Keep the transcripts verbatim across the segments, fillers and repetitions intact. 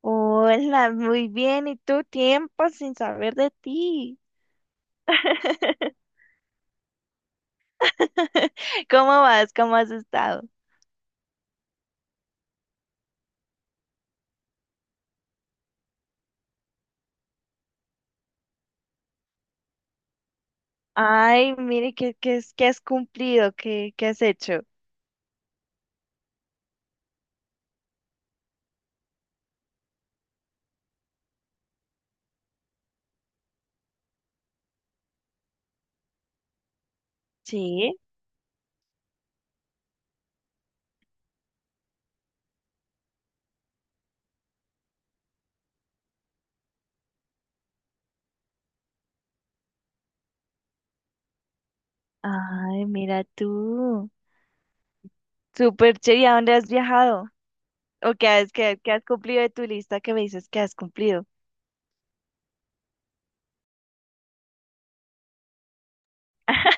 Hola, muy bien. ¿Y tú? Tiempo sin saber de ti. ¿Cómo vas? ¿Cómo has estado? Ay, mire, ¿qué, qué, es- qué has cumplido? ¿Qué, qué has hecho? Sí. Ay, mira tú. Súper chévere. ¿Y a dónde has viajado? ¿O qué has, qué, qué has cumplido de tu lista que me dices que has cumplido?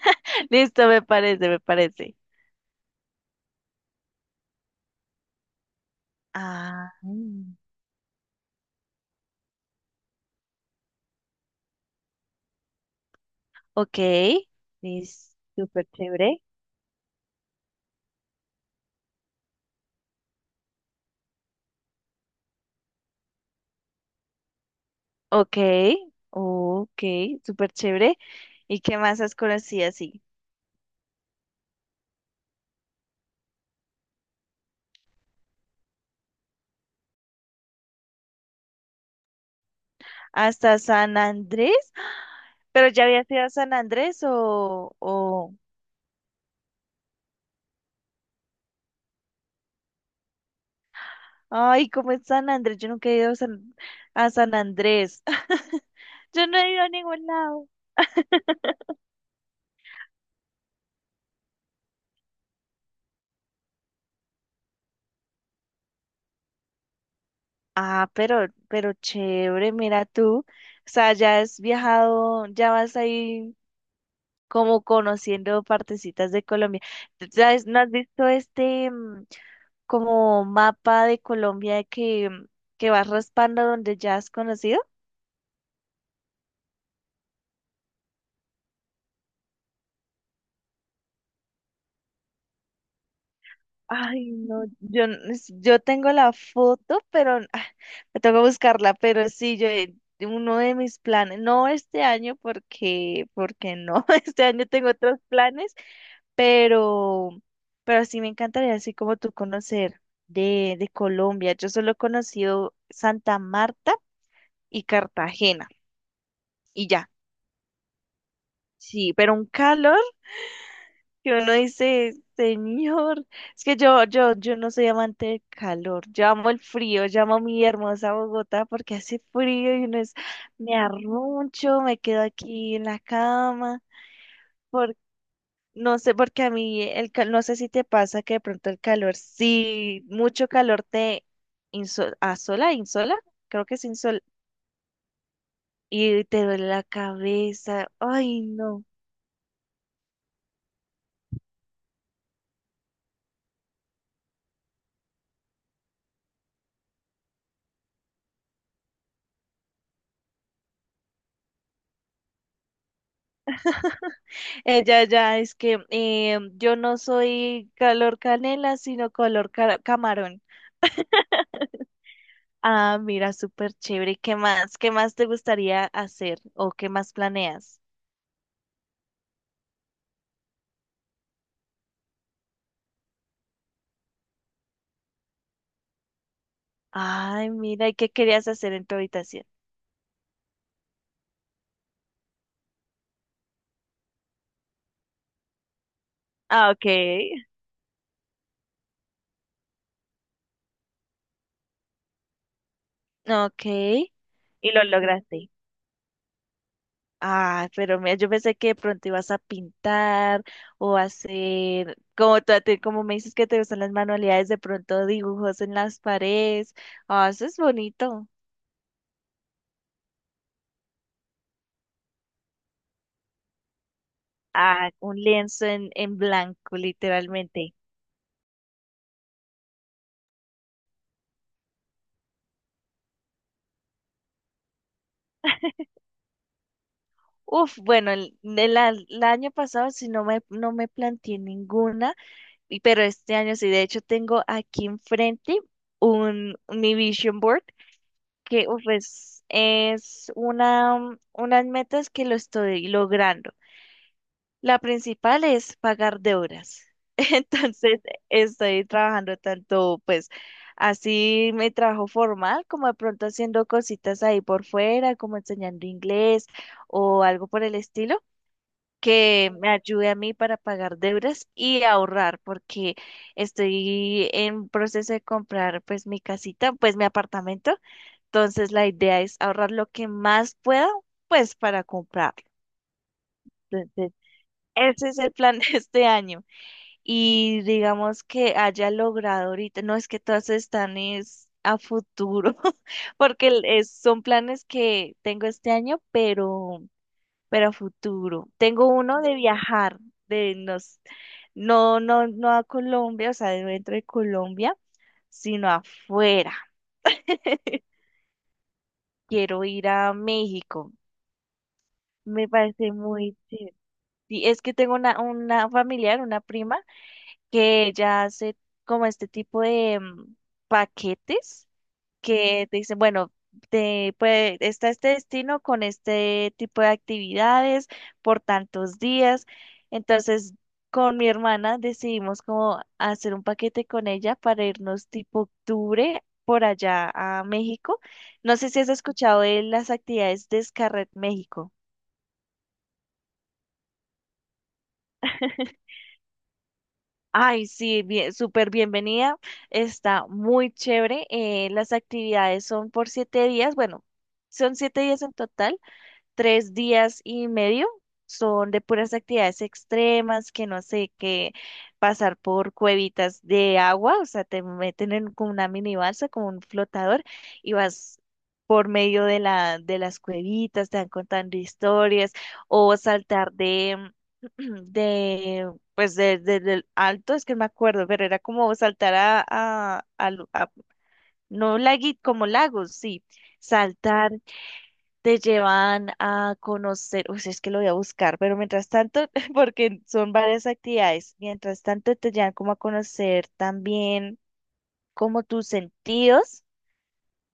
Listo, me parece, me parece. Ah, mm, ok. Es súper chévere. Ok, ok, súper chévere. ¿Y qué más has conocido así? ¿Hasta San Andrés? ¿Pero ya habías ido a San Andrés o, o... Ay, ¿cómo es San Andrés? Yo nunca he ido a San, a San, Andrés. Yo no he ido a ningún lado. Ah, pero, pero chévere, mira tú. O sea, ya has viajado, ya vas ahí como conociendo partecitas de Colombia. ¿Sabes? ¿No has visto este mm, como mapa de Colombia que, que vas raspando donde ya has conocido? Ay, no, yo, n- yo tengo la foto, pero ah, me tengo que buscarla, pero sí, yo, eh, uno de mis planes, no este año porque, porque no, este año tengo otros planes, pero, pero, sí me encantaría, así como tú conocer de, de Colombia. Yo solo he conocido Santa Marta y Cartagena, y ya, sí, pero un calor. Que uno dice, señor, es que yo, yo, yo no soy amante del calor, yo amo el frío, yo amo mi hermosa Bogotá porque hace frío y uno es, me arruncho, me quedo aquí en la cama, por, no sé, porque a mí, el, cal- no sé si te pasa que de pronto el calor, sí, mucho calor te inso- asola, insola, creo que es insol, y te duele la cabeza, ay no. Ella ya es que eh, yo no soy color canela, sino color ca- camarón. Ah, mira, súper chévere. ¿Qué más? ¿Qué más te gustaría hacer o qué más planeas? Ay, mira, ¿y qué querías hacer en tu habitación? Ah, ok, ok. Y lo lograste. Ah, pero mira, yo pensé que de pronto ibas a pintar o hacer, como, tú- te- como me dices que te gustan las manualidades, de pronto dibujos en las paredes. Ah, eso es bonito. A un lienzo en, en, blanco, literalmente. Uf, bueno, el, el a- el año pasado sí no me, no me planteé ninguna, y- pero este año sí, de hecho tengo aquí enfrente un, mi vision board, que uf, es, es una, unas metas que lo estoy logrando. La principal es pagar deudas. Entonces, estoy trabajando tanto, pues, así mi trabajo formal, como de pronto haciendo cositas ahí por fuera, como enseñando inglés o algo por el estilo, que me ayude a mí para pagar deudas y ahorrar, porque estoy en proceso de comprar, pues, mi casita, pues, mi apartamento. Entonces, la idea es ahorrar lo que más pueda, pues, para comprarlo. Entonces, ese es el plan de este año y digamos que haya logrado ahorita, no es que todas están es a futuro. Porque el- es- son planes que tengo este año, pero, pero, a futuro. Tengo uno de viajar, de nos, no, no, no a Colombia, o sea, de dentro de Colombia, sino afuera. Quiero ir a México. Me parece muy chévere. Sí, es que tengo una, una familiar, una prima que ella hace como este tipo de mm, paquetes que te dicen, bueno, te, puede- está este destino con este tipo de actividades por tantos días. Entonces, con mi hermana decidimos como hacer un paquete con ella para irnos tipo octubre por allá a México. No sé si has escuchado de las actividades de Scarret México. Ay, sí, bien, súper bienvenida. Está muy chévere. Eh, las actividades son por siete días. Bueno, son siete días en total, tres días y medio son de puras actividades extremas, que no sé, que pasar por cuevitas de agua, o sea, te meten en como una mini balsa, como un flotador, y vas por medio de la, de las cuevitas, te van contando historias, o saltar de, de, pues de, de- del alto, es que no me acuerdo, pero era como saltar a, a, a, lu- a- no lagui, como lagos, sí, saltar, te llevan a conocer, uy, es que lo voy a buscar, pero mientras tanto, porque son varias actividades, mientras tanto te llevan como a conocer también como tus sentidos,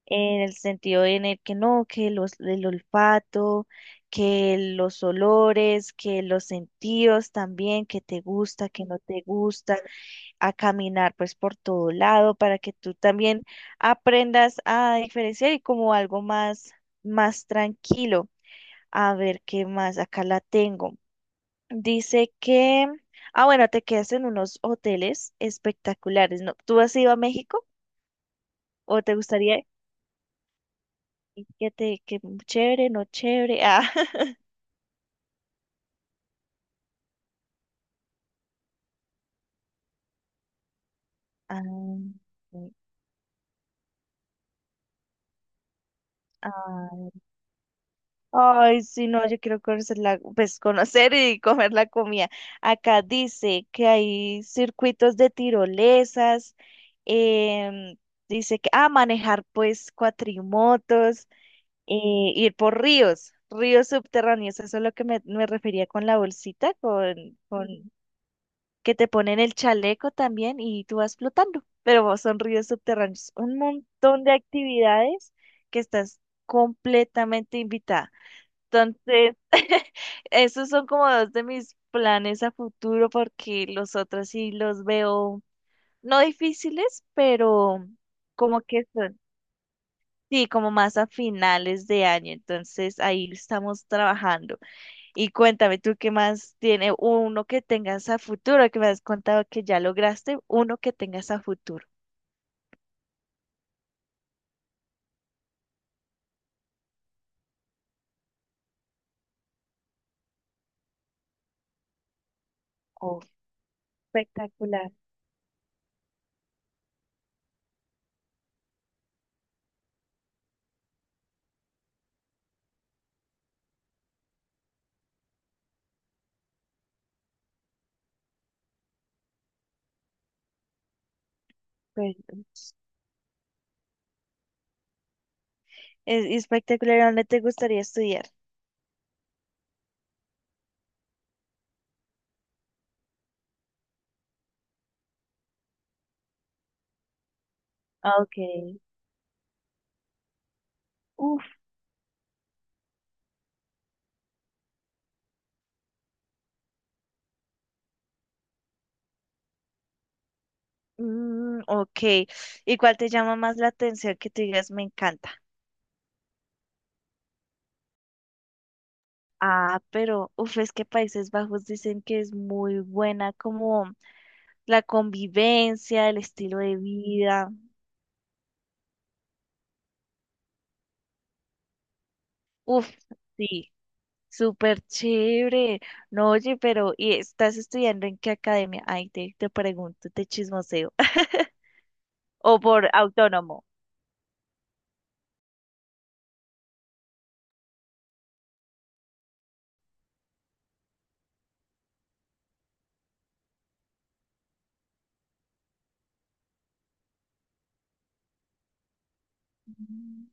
en el sentido en el que no, que los, el olfato, que los olores, que los sentidos también, que te gusta, que no te gusta, a caminar pues por todo lado para que tú también aprendas a diferenciar y como algo más, más tranquilo. A ver qué más, acá la tengo. Dice que, ah, bueno, te quedas en unos hoteles espectaculares, ¿no? ¿Tú has ido a México o te gustaría y que te, que chévere, no chévere? Ah, ah, sí, ah. Ay, sí, no, yo quiero conocer la, pues conocer y comer la comida. Acá dice que hay circuitos de tirolesas, em, dice que, ah, manejar pues cuatrimotos, y ir por ríos, ríos subterráneos. Eso es lo que me, me refería con la bolsita, con, con Ujú. Que te ponen el chaleco también y tú vas flotando, pero son ríos subterráneos. Un montón de actividades que estás completamente invitada. Entonces, esos son como dos de mis planes a futuro porque los otros sí los veo no difíciles, pero como que son. Sí, como más a finales de año, entonces ahí estamos trabajando. Y cuéntame tú qué más tiene uno que tengas a futuro, que me has contado que ya lograste, uno que tengas a futuro. Oh, espectacular. Pues, es y espectacular, ¿a ¿dónde te gustaría estudiar? Ah, okay. Uf. Mm, ok, ¿y cuál te llama más la atención que tú digas me encanta? Ah, pero, uf, es que Países Bajos dicen que es muy buena como la convivencia, el estilo de vida. Uf, sí, súper chévere. No, oye, pero ¿y estás estudiando en qué academia? Ay, te, te pregunto, te chismoseo. O por autónomo. Mm.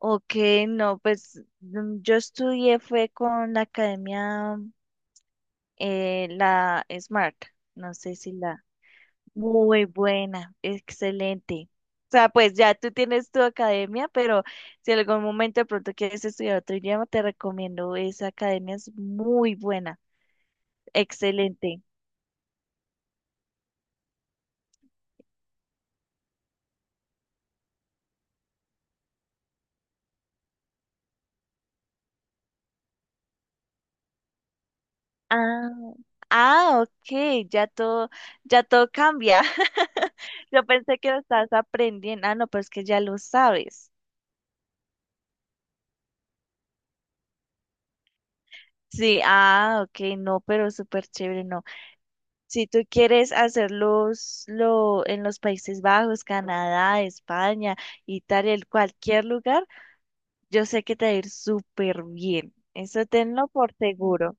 Ok, no, pues mm, yo estudié fue con la academia, eh, la Smart. No sé si la... Muy buena, excelente. O sea, pues ya tú tienes tu academia, pero si en algún momento de pronto quieres estudiar otro idioma, te recomiendo esa academia, es muy buena, excelente. Ah, ah, ok, ya todo, ya todo cambia. Yo pensé que lo estabas aprendiendo. Ah, no, pero es que ya lo sabes. Sí, ah, ok, no, pero súper chévere, no. Si tú quieres hacerlos lo, en los Países Bajos, Canadá, España, Italia, en cualquier lugar, yo sé que te va a ir súper bien. Eso tenlo por seguro.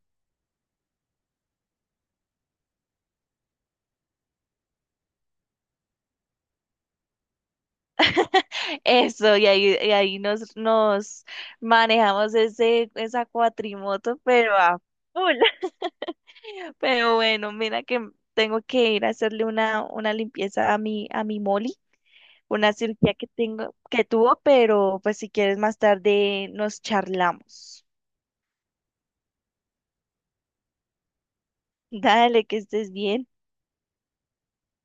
Eso, y ahí, y ahí, nos, nos manejamos ese, esa cuatrimoto, pero a full. Pero bueno, mira que tengo que ir a hacerle una, una, limpieza a mi, a mi Molly, una cirugía que tengo, que tuvo, pero pues si quieres más tarde nos charlamos. Dale, que estés bien.